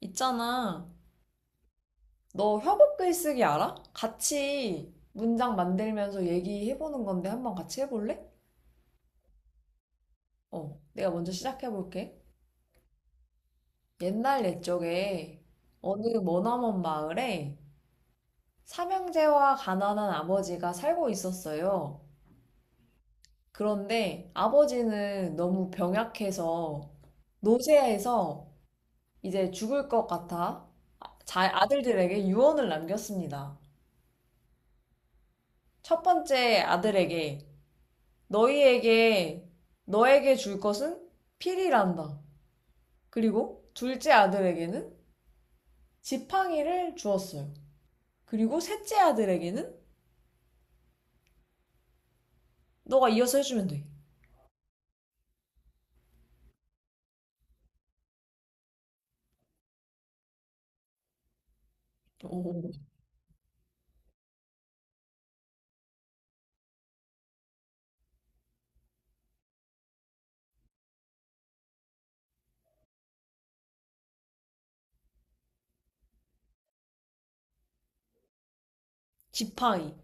있잖아. 너 협업 글쓰기 알아? 같이 문장 만들면서 얘기해보는 건데 한번 같이 해볼래? 내가 먼저 시작해볼게. 옛날 옛적에 어느 머나먼 마을에 삼형제와 가난한 아버지가 살고 있었어요. 그런데 아버지는 너무 병약해서 노쇠해서 이제 죽을 것 같아 아, 아들들에게 유언을 남겼습니다. 첫 번째 아들에게 너희에게 너에게 줄 것은 필이란다. 그리고 둘째 아들에게는 지팡이를 주었어요. 그리고 셋째 아들에게는 너가 이어서 해주면 돼. 오, 지팡이.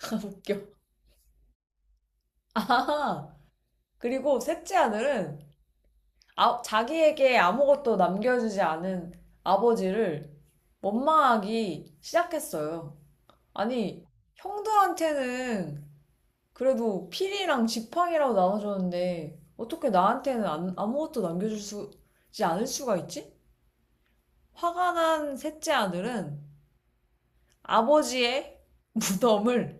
웃겨. 아, 그리고 셋째 아들은 아, 자기에게 아무것도 남겨주지 않은 아버지를 원망하기 시작했어요. 아니, 형들한테는 그래도 필이랑 지팡이라고 나눠줬는데 어떻게 나한테는 아무것도 남겨주지 않을 수가 있지? 화가 난 셋째 아들은 아버지의 무덤을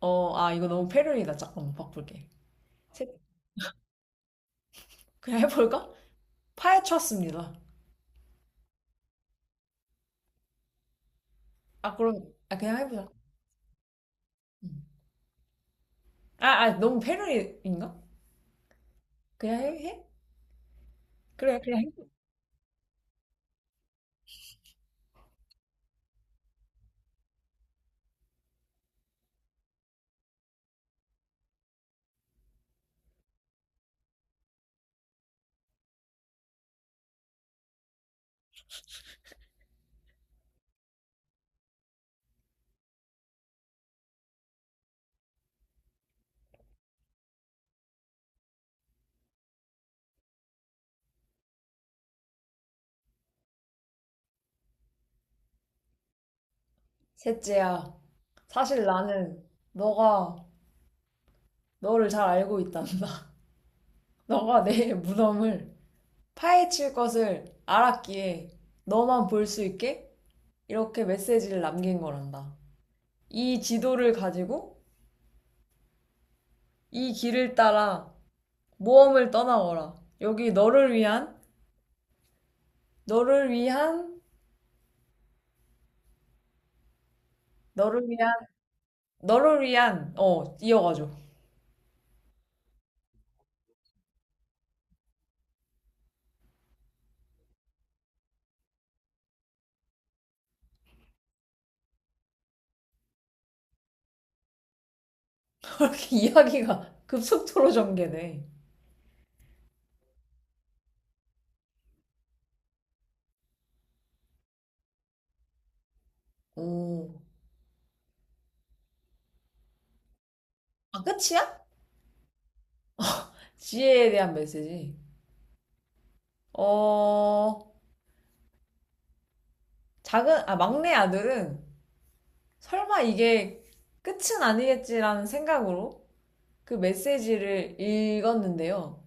아 이거 너무 패륜이다. 잠깐만 바꿀게. 셋- 그냥 해볼까? 파헤쳤습니다. 아 그럼 아 그냥 해보자. 음. 아, 아 너무 패륜인가? 그냥 해? 그래 그냥 해. 셋째야 사실 나는 너가 너를 잘 알고 있단다. 너가 내 무덤을 파헤칠 것을 알았기에 너만 볼 수 있게 이렇게 메시지를 남긴 거란다. 이 지도를 가지고 이 길을 따라 모험을 떠나거라. 여기 너를 위한, 너를 위한, 너를 위한, 너를 위한, 이어가죠. 이렇게 이야기가 급속도로 전개돼. 오. 아, 끝이야? 지혜에 대한 메시지. 어, 아, 막내 아들은 설마 이게 끝은 아니겠지라는 생각으로 그 메시지를 읽었는데요.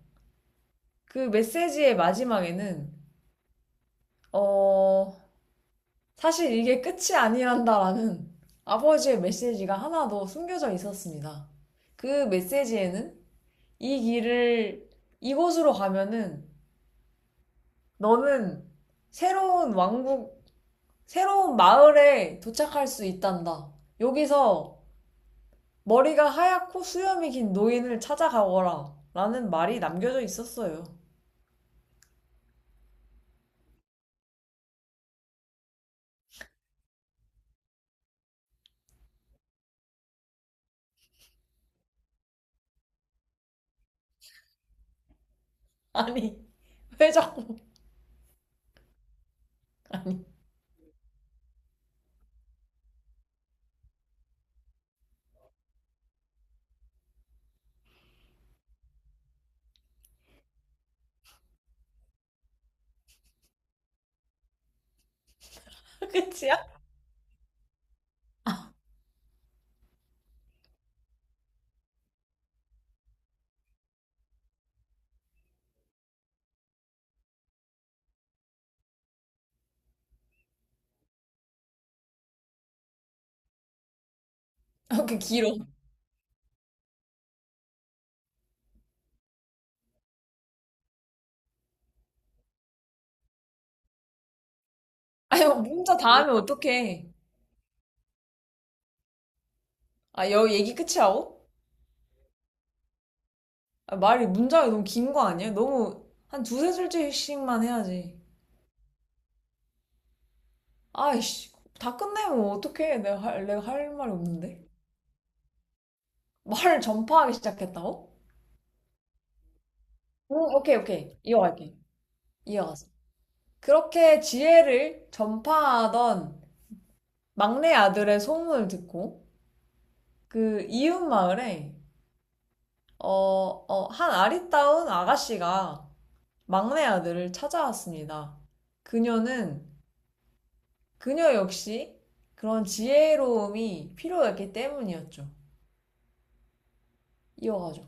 그 메시지의 마지막에는, 어, 사실 이게 끝이 아니란다라는 아버지의 메시지가 하나 더 숨겨져 있었습니다. 그 메시지에는 이 길을 이곳으로 가면은 너는 새로운 왕국, 새로운 마을에 도착할 수 있단다. 여기서 머리가 하얗고 수염이 긴 노인을 찾아가거라. 라는 말이 남겨져 있었어요. 아니, 회장, 끝이야? 어, 그 길어. 아니, 문자 다 하면 어떡해. 아, 여 얘기 끝이야오? 아, 말이 문자가 너무 긴 거 아니야? 너무 한 두세 줄씩만 해야지. 아이씨, 다 끝내면 어떡해. 내가 할 말이 없는데. 말을 전파하기 시작했다고? 오, 오케이, 오케이. 이어갈게. 이어가서. 그렇게 지혜를 전파하던 막내 아들의 소문을 듣고 그 이웃 마을에 한 아리따운 아가씨가 막내 아들을 찾아왔습니다. 그녀는 그녀 역시 그런 지혜로움이 필요했기 때문이었죠. 이어가죠.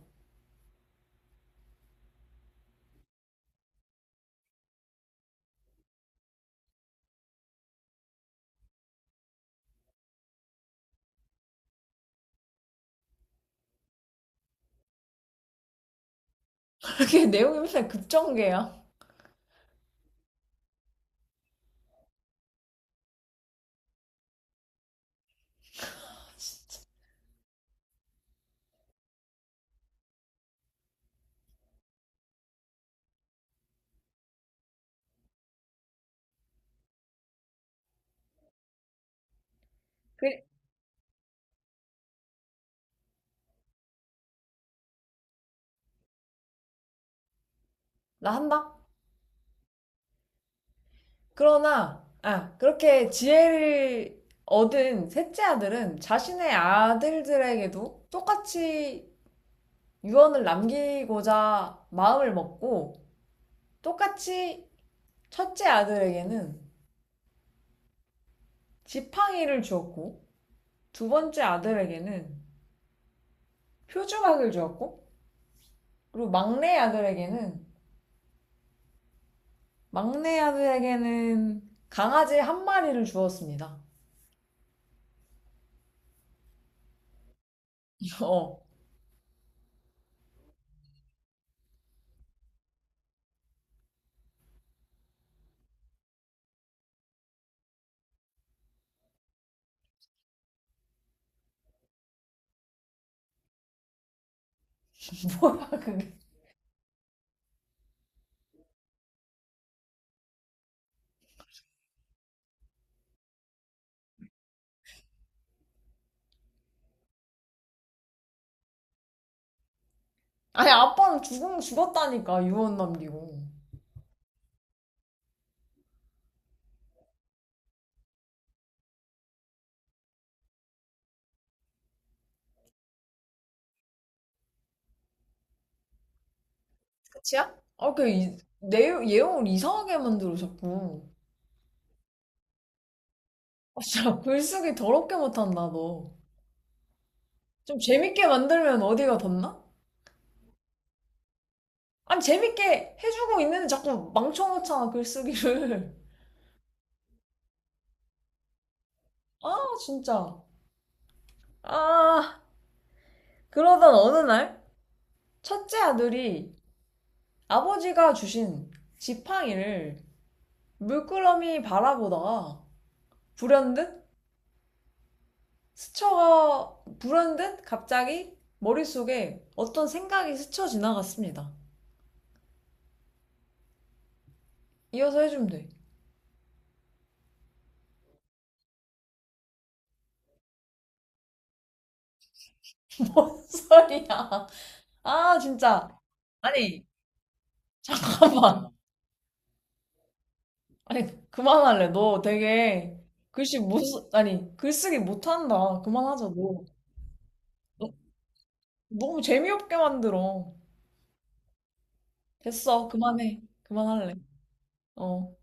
그게 내용이 맨날 급전개야. 그래. 나 한다. 그러나 아 그렇게 지혜를 얻은 셋째 아들은 자신의 아들들에게도 똑같이 유언을 남기고자 마음을 먹고 똑같이 첫째 아들에게는 지팡이를 주었고 두 번째 아들에게는 표주막을 주었고 그리고 막내 아들에게는 강아지 한 마리를 주었습니다. 어 뭐야 그게? 아니 아빠는 죽은 죽었다니까 유언 남기고. 끝이야? 아그 내용 예용을 이상하게 만들어 자꾸. 아 진짜 글쓰기 더럽게 못한다 너. 좀 재밌게 만들면 어디가 덧나? 아니 재밌게 해주고 있는데 자꾸 망쳐놓잖아 글쓰기를. 아 진짜. 아 그러던 어느 날 첫째 아들이 아버지가 주신 지팡이를 물끄러미 바라보다가 불현듯 불현듯 갑자기 머릿속에 어떤 생각이 스쳐 지나갔습니다. 이어서 해주면 돼. 뭔 소리야. 아 진짜. 아니 잠깐만. 아니 그만할래. 너 되게 글씨 못 쓰- 아니 글쓰기 못한다. 그만하자 너. 너 너무 재미없게 만들어. 됐어. 그만해. 그만할래. 어.